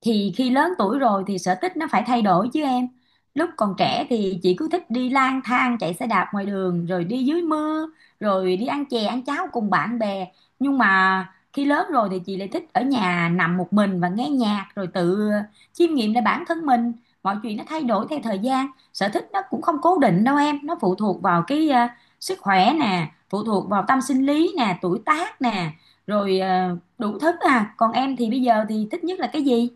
Thì khi lớn tuổi rồi thì sở thích nó phải thay đổi chứ em. Lúc còn trẻ thì chị cứ thích đi lang thang chạy xe đạp ngoài đường rồi đi dưới mưa, rồi đi ăn chè ăn cháo cùng bạn bè. Nhưng mà khi lớn rồi thì chị lại thích ở nhà nằm một mình và nghe nhạc, rồi tự chiêm nghiệm lại bản thân mình. Mọi chuyện nó thay đổi theo thời gian. Sở thích nó cũng không cố định đâu em, nó phụ thuộc vào cái sức khỏe nè, phụ thuộc vào tâm sinh lý nè, tuổi tác nè, rồi đủ thứ à. Còn em thì bây giờ thì thích nhất là cái gì?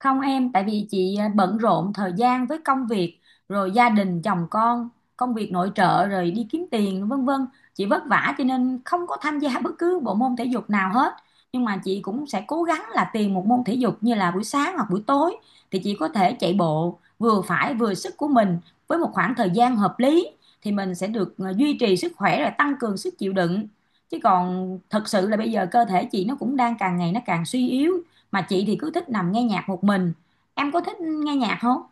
Không em, tại vì chị bận rộn thời gian với công việc, rồi gia đình, chồng con, công việc nội trợ, rồi đi kiếm tiền, vân vân. Chị vất vả cho nên không có tham gia bất cứ bộ môn thể dục nào hết. Nhưng mà chị cũng sẽ cố gắng là tìm một môn thể dục, như là buổi sáng hoặc buổi tối thì chị có thể chạy bộ vừa phải vừa sức của mình, với một khoảng thời gian hợp lý thì mình sẽ được duy trì sức khỏe, rồi tăng cường sức chịu đựng. Chứ còn thật sự là bây giờ cơ thể chị nó cũng đang càng ngày nó càng suy yếu, mà chị thì cứ thích nằm nghe nhạc một mình. Em có thích nghe nhạc không?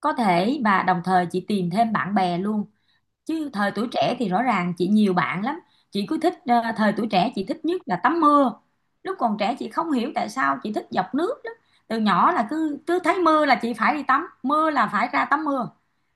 Có thể, và đồng thời chị tìm thêm bạn bè luôn. Chứ thời tuổi trẻ thì rõ ràng chị nhiều bạn lắm, chị cứ thích thời tuổi trẻ chị thích nhất là tắm mưa. Lúc còn trẻ chị không hiểu tại sao chị thích dọc nước lắm, từ nhỏ là cứ cứ thấy mưa là chị phải đi tắm mưa, là phải ra tắm mưa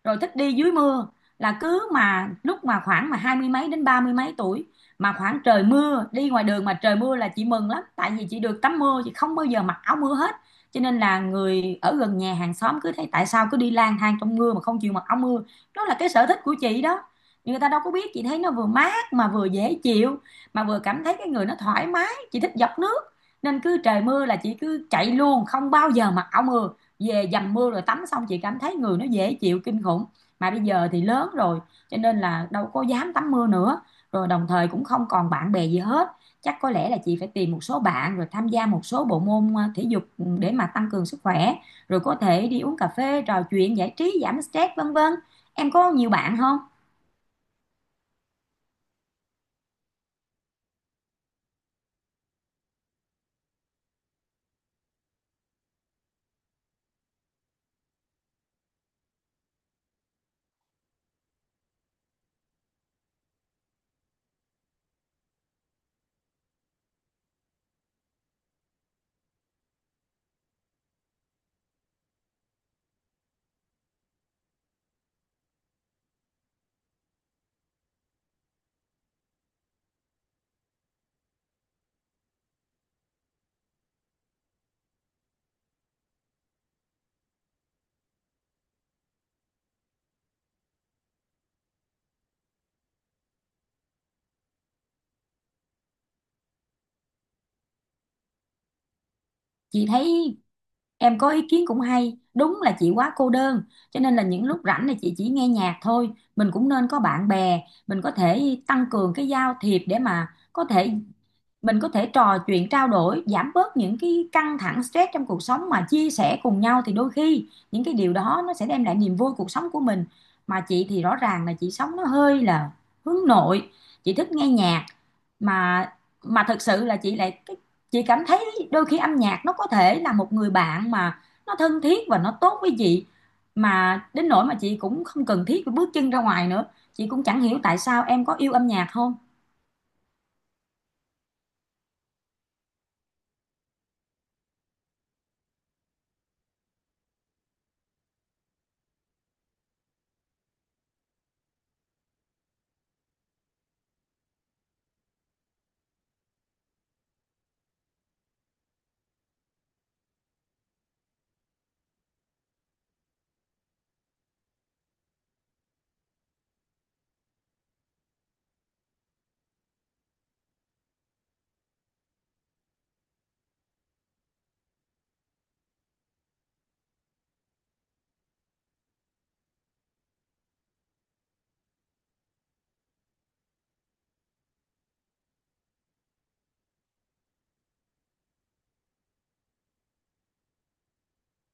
rồi thích đi dưới mưa. Là cứ mà lúc mà khoảng mà hai mươi mấy đến ba mươi mấy tuổi, mà khoảng trời mưa đi ngoài đường mà trời mưa là chị mừng lắm, tại vì chị được tắm mưa, chị không bao giờ mặc áo mưa hết. Cho nên là người ở gần nhà, hàng xóm cứ thấy tại sao cứ đi lang thang trong mưa mà không chịu mặc áo mưa. Đó là cái sở thích của chị đó, nhưng người ta đâu có biết. Chị thấy nó vừa mát mà vừa dễ chịu, mà vừa cảm thấy cái người nó thoải mái, chị thích dọc nước. Nên cứ trời mưa là chị cứ chạy luôn, không bao giờ mặc áo mưa, về dầm mưa rồi tắm xong chị cảm thấy người nó dễ chịu kinh khủng. Mà bây giờ thì lớn rồi cho nên là đâu có dám tắm mưa nữa, rồi đồng thời cũng không còn bạn bè gì hết. Chắc có lẽ là chị phải tìm một số bạn rồi tham gia một số bộ môn thể dục để mà tăng cường sức khỏe, rồi có thể đi uống cà phê trò chuyện giải trí giảm stress vân vân. Em có nhiều bạn không? Chị thấy em có ý kiến cũng hay, đúng là chị quá cô đơn cho nên là những lúc rảnh là chị chỉ nghe nhạc thôi. Mình cũng nên có bạn bè, mình có thể tăng cường cái giao thiệp để mà có thể, mình có thể trò chuyện trao đổi, giảm bớt những cái căng thẳng stress trong cuộc sống mà chia sẻ cùng nhau, thì đôi khi những cái điều đó nó sẽ đem lại niềm vui cuộc sống của mình. Mà chị thì rõ ràng là chị sống nó hơi là hướng nội, chị thích nghe nhạc. Mà mà thực sự là chị cảm thấy đôi khi âm nhạc nó có thể là một người bạn mà nó thân thiết và nó tốt với chị, mà đến nỗi mà chị cũng không cần thiết phải bước chân ra ngoài nữa. Chị cũng chẳng hiểu tại sao. Em có yêu âm nhạc không?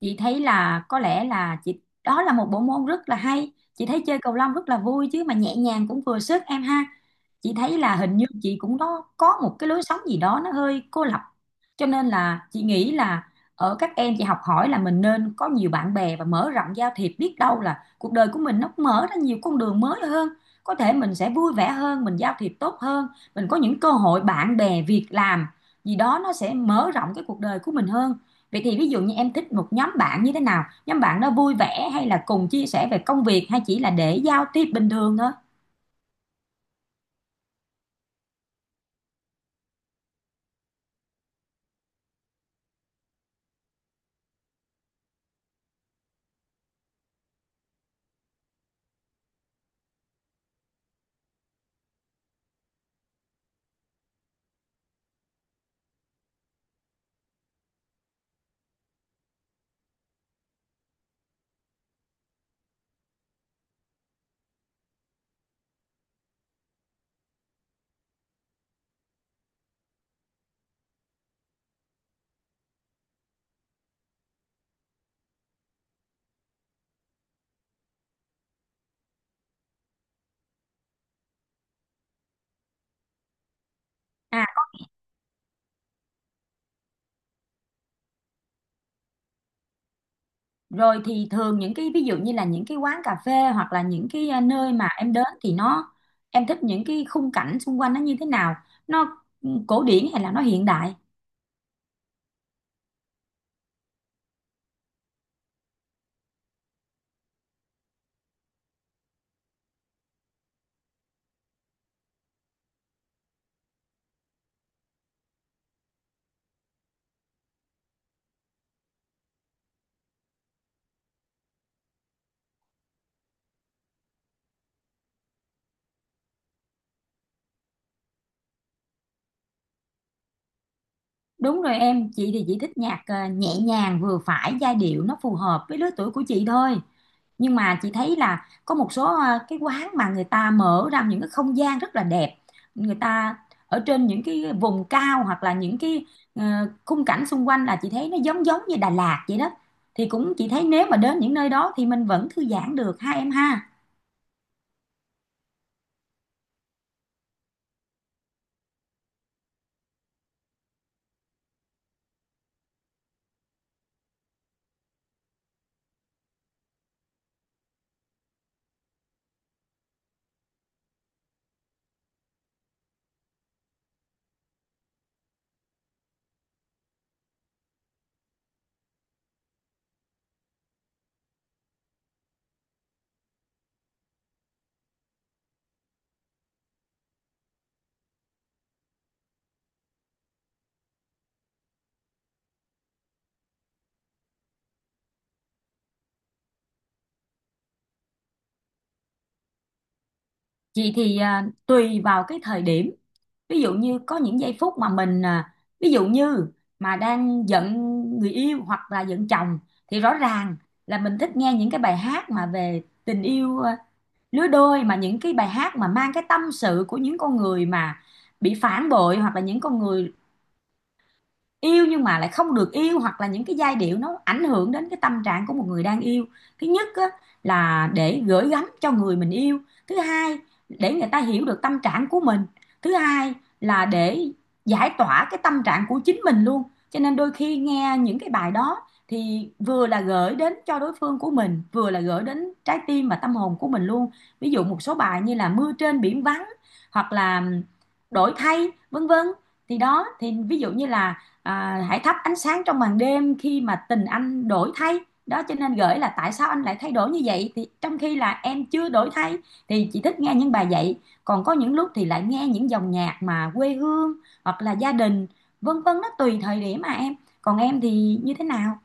Chị thấy là có lẽ là chị, đó là một bộ môn rất là hay, chị thấy chơi cầu lông rất là vui chứ, mà nhẹ nhàng cũng vừa sức em ha. Chị thấy là hình như chị cũng đó có một cái lối sống gì đó nó hơi cô lập, cho nên là chị nghĩ là ở các em chị học hỏi, là mình nên có nhiều bạn bè và mở rộng giao thiệp, biết đâu là cuộc đời của mình nó mở ra nhiều con đường mới hơn. Có thể mình sẽ vui vẻ hơn, mình giao thiệp tốt hơn, mình có những cơ hội bạn bè, việc làm gì đó nó sẽ mở rộng cái cuộc đời của mình hơn. Vậy thì ví dụ như em thích một nhóm bạn như thế nào? Nhóm bạn đó vui vẻ hay là cùng chia sẻ về công việc, hay chỉ là để giao tiếp bình thường thôi? À, rồi thì thường những cái ví dụ như là những cái quán cà phê, hoặc là những cái nơi mà em đến thì em thích những cái khung cảnh xung quanh nó như thế nào? Nó cổ điển hay là nó hiện đại? Đúng rồi em, chị thì chị thích nhạc nhẹ nhàng vừa phải, giai điệu nó phù hợp với lứa tuổi của chị thôi. Nhưng mà chị thấy là có một số cái quán mà người ta mở ra những cái không gian rất là đẹp. Người ta ở trên những cái vùng cao, hoặc là những cái ờ, khung cảnh xung quanh là chị thấy nó giống giống như Đà Lạt vậy đó. Thì cũng chị thấy nếu mà đến những nơi đó thì mình vẫn thư giãn được ha em ha. Chị thì tùy vào cái thời điểm. Ví dụ như có những giây phút mà mình ví dụ như mà đang giận người yêu hoặc là giận chồng, thì rõ ràng là mình thích nghe những cái bài hát mà về tình yêu lứa đôi, mà những cái bài hát mà mang cái tâm sự của những con người mà bị phản bội, hoặc là những con người yêu nhưng mà lại không được yêu, hoặc là những cái giai điệu nó ảnh hưởng đến cái tâm trạng của một người đang yêu. Thứ nhất á, là để gửi gắm cho người mình yêu. Thứ hai, để người ta hiểu được tâm trạng của mình. Thứ hai, là để giải tỏa cái tâm trạng của chính mình luôn. Cho nên đôi khi nghe những cái bài đó thì vừa là gửi đến cho đối phương của mình, vừa là gửi đến trái tim và tâm hồn của mình luôn. Ví dụ một số bài như là Mưa trên biển vắng, hoặc là Đổi thay, vân vân. Thì đó, thì ví dụ như là hãy thắp ánh sáng trong màn đêm khi mà tình anh đổi thay. Đó cho nên gửi là tại sao anh lại thay đổi như vậy, thì trong khi là em chưa đổi thay. Thì chị thích nghe những bài vậy. Còn có những lúc thì lại nghe những dòng nhạc mà quê hương, hoặc là gia đình vân vân, nó tùy thời điểm mà em. Còn em thì như thế nào?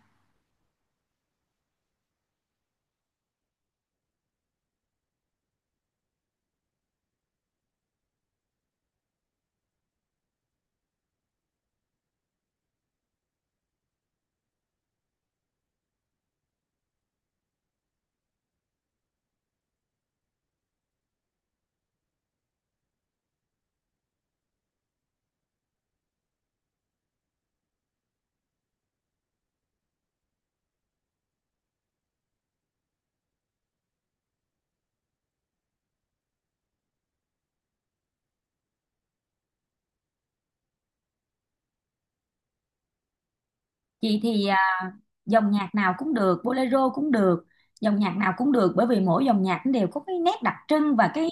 Chị thì dòng nhạc nào cũng được, bolero cũng được, dòng nhạc nào cũng được. Bởi vì mỗi dòng nhạc nó đều có cái nét đặc trưng và cái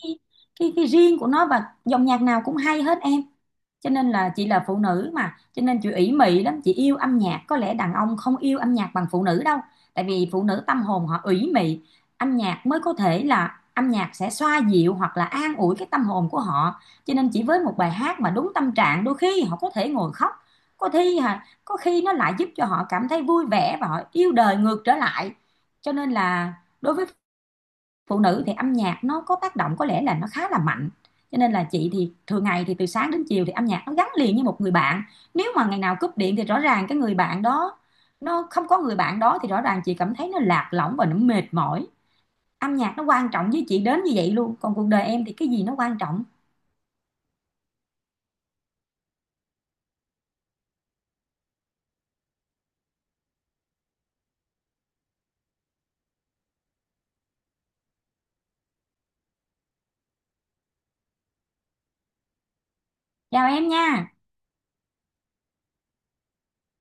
cái cái riêng của nó, và dòng nhạc nào cũng hay hết em. Cho nên là chị là phụ nữ mà cho nên chị ỷ mị lắm, chị yêu âm nhạc. Có lẽ đàn ông không yêu âm nhạc bằng phụ nữ đâu, tại vì phụ nữ tâm hồn họ ủy mị, âm nhạc mới có thể là, âm nhạc sẽ xoa dịu hoặc là an ủi cái tâm hồn của họ. Cho nên chỉ với một bài hát mà đúng tâm trạng, đôi khi họ có thể ngồi khóc. Có khi hả, có khi nó lại giúp cho họ cảm thấy vui vẻ và họ yêu đời ngược trở lại. Cho nên là đối với phụ nữ thì âm nhạc nó có tác động, có lẽ là nó khá là mạnh. Cho nên là chị thì thường ngày thì từ sáng đến chiều thì âm nhạc nó gắn liền như một người bạn. Nếu mà ngày nào cúp điện thì rõ ràng cái người bạn đó, nó không có người bạn đó thì rõ ràng chị cảm thấy nó lạc lõng và nó mệt mỏi. Âm nhạc nó quan trọng với chị đến như vậy luôn. Còn cuộc đời em thì cái gì nó quan trọng? Chào em nha.